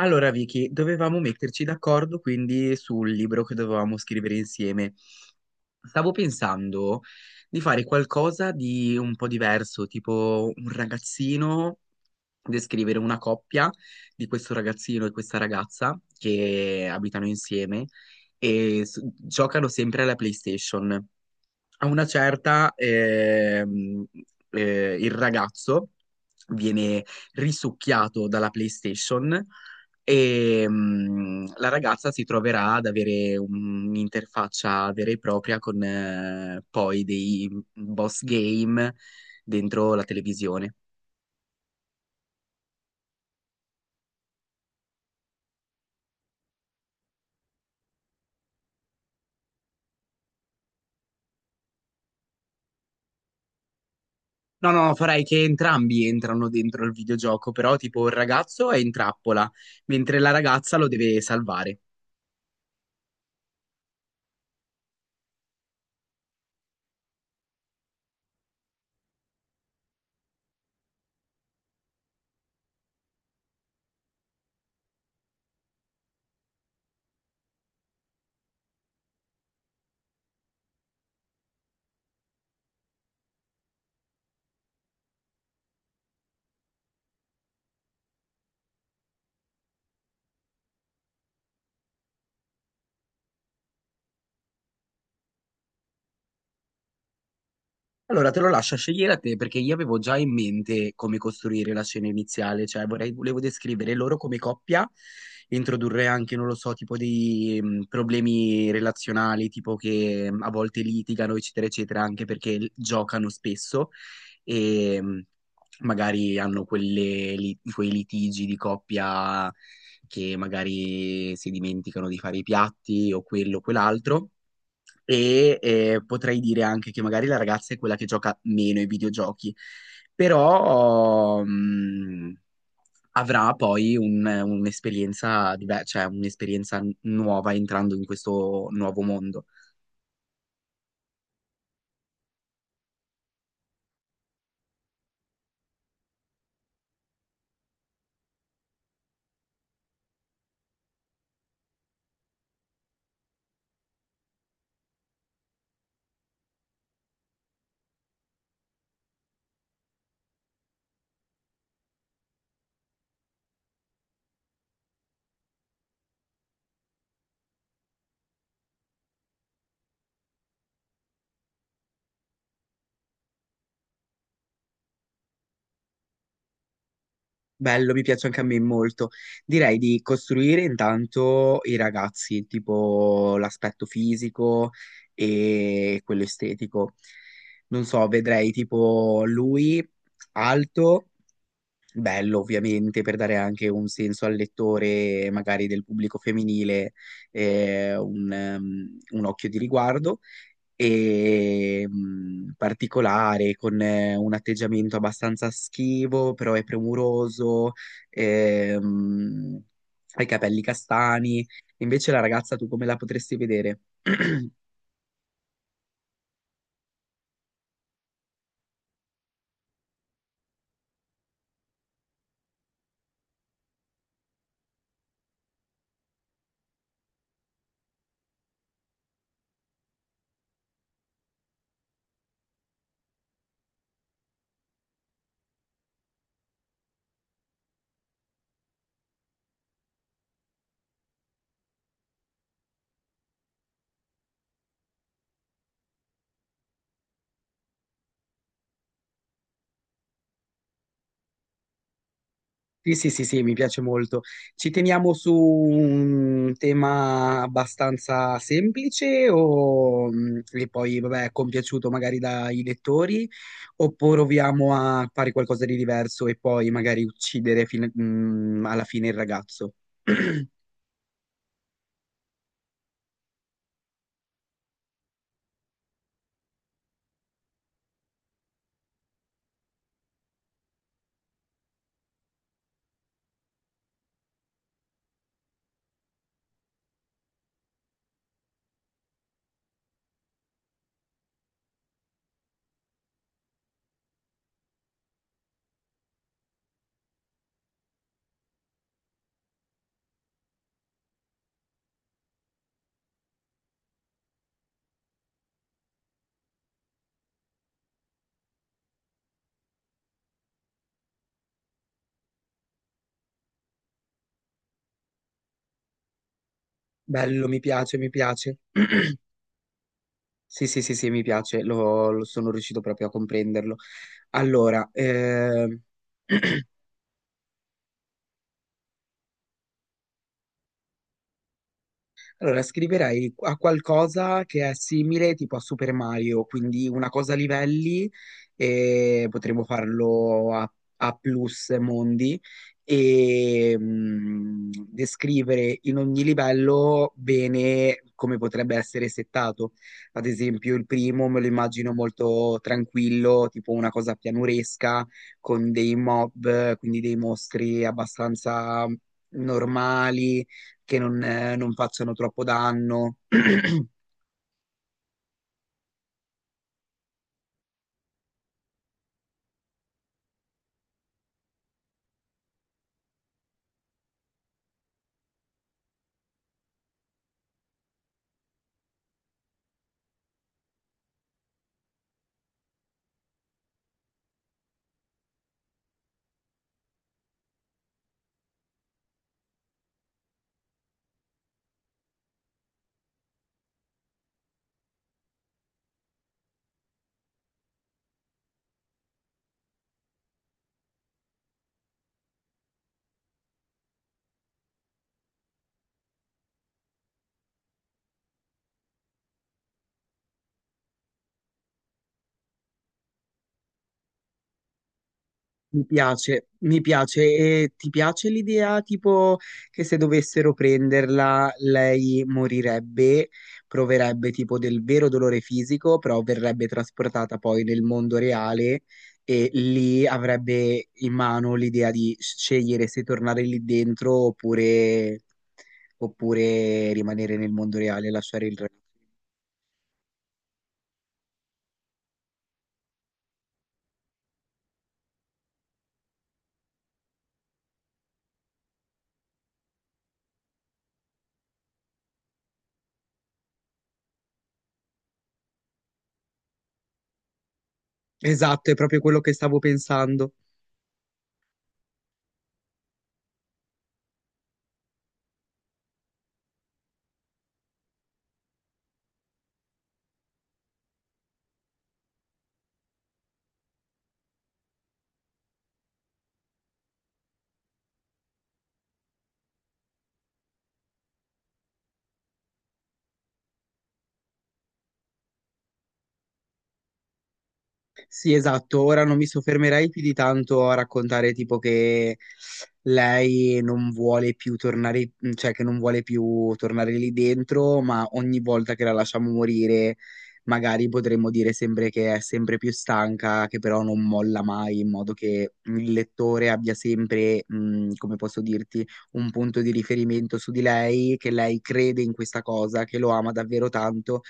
Allora, Vicky, dovevamo metterci d'accordo quindi sul libro che dovevamo scrivere insieme. Stavo pensando di fare qualcosa di un po' diverso, tipo un ragazzino, descrivere una coppia di questo ragazzino e questa ragazza che abitano insieme e giocano sempre alla PlayStation a una certa, il ragazzo viene risucchiato dalla PlayStation e la ragazza si troverà ad avere un'interfaccia vera e propria con poi dei boss game dentro la televisione. No, no, farei che entrambi entrano dentro il videogioco, però tipo il ragazzo è in trappola, mentre la ragazza lo deve salvare. Allora, te lo lascio a scegliere a te perché io avevo già in mente come costruire la scena iniziale, cioè volevo descrivere loro come coppia, introdurre anche, non lo so, tipo dei problemi relazionali, tipo che a volte litigano, eccetera, eccetera, anche perché giocano spesso e magari hanno quei litigi di coppia che magari si dimenticano di fare i piatti o quello o quell'altro e potrei dire anche che magari la ragazza è quella che gioca meno ai videogiochi, però avrà poi un'esperienza cioè un'esperienza nuova entrando in questo nuovo mondo. Bello, mi piace anche a me molto. Direi di costruire intanto i ragazzi, tipo l'aspetto fisico e quello estetico. Non so, vedrei tipo lui alto, bello ovviamente per dare anche un senso al lettore, magari del pubblico femminile, un occhio di riguardo e particolare, con un atteggiamento abbastanza schivo, però è premuroso, ehm, ha i capelli castani. Invece la ragazza, tu come la potresti vedere? Sì, sì, sì, sì, mi piace molto. Ci teniamo su un tema abbastanza semplice o che poi, vabbè, è compiaciuto magari dai lettori, oppure proviamo a fare qualcosa di diverso e poi magari uccidere alla fine il ragazzo. Bello, mi piace, mi piace. Sì, sì, sì, sì, mi piace, lo sono riuscito proprio a comprenderlo. Allora, Allora, scriverei a qualcosa che è simile tipo a Super Mario, quindi una cosa a livelli e potremmo a plus mondi e descrivere in ogni livello bene come potrebbe essere settato. Ad esempio, il primo me lo immagino molto tranquillo, tipo una cosa pianuresca con dei mob, quindi dei mostri abbastanza normali che non facciano troppo danno. Mi piace, mi piace. E ti piace l'idea tipo che se dovessero prenderla lei morirebbe, proverebbe tipo del vero dolore fisico, però verrebbe trasportata poi nel mondo reale e lì avrebbe in mano l'idea di scegliere se tornare lì dentro oppure, oppure rimanere nel mondo reale e lasciare il re. Esatto, è proprio quello che stavo pensando. Sì, esatto. Ora non mi soffermerei più di tanto a raccontare tipo che lei non vuole più tornare, cioè che non vuole più tornare lì dentro, ma ogni volta che la lasciamo morire, magari potremmo dire sempre che è sempre più stanca, che però non molla mai, in modo che il lettore abbia sempre, come posso dirti, un punto di riferimento su di lei, che lei crede in questa cosa, che lo ama davvero tanto.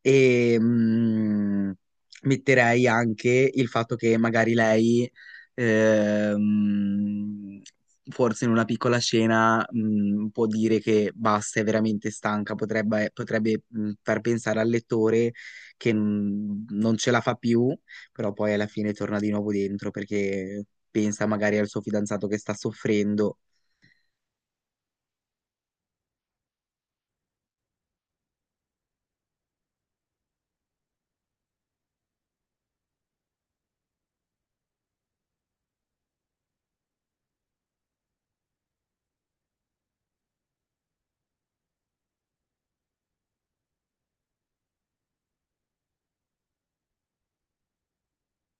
E, mh, metterei anche il fatto che magari lei, ehm, forse in una piccola scena, può dire che basta, è veramente stanca, potrebbe, far pensare al lettore che non ce la fa più, però poi alla fine torna di nuovo dentro perché pensa magari al suo fidanzato che sta soffrendo.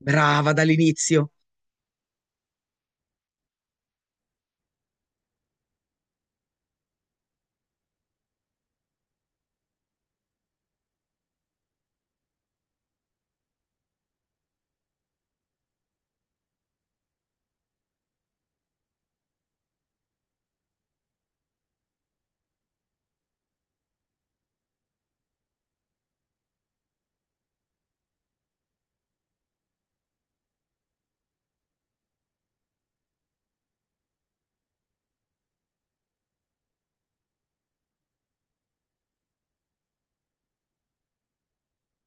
Brava dall'inizio!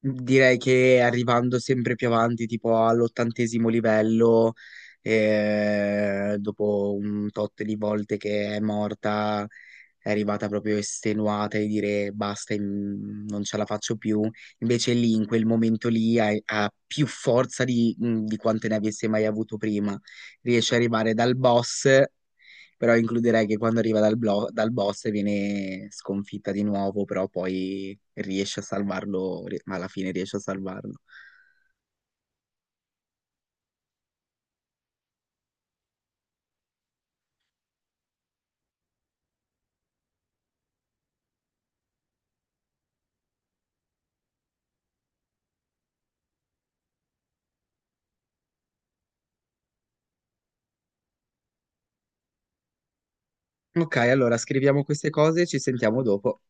Direi che arrivando sempre più avanti, tipo all'ottantesimo livello, dopo un tot di volte che è morta, è arrivata proprio estenuata e dire basta, non ce la faccio più. Invece lì, in quel momento lì, ha più forza di quante ne avesse mai avuto prima. Riesce ad arrivare dal boss. Però includerei che quando arriva dal boss viene sconfitta di nuovo, però poi riesce a salvarlo, ma alla fine riesce a salvarlo. Ok, allora scriviamo queste cose e ci sentiamo dopo.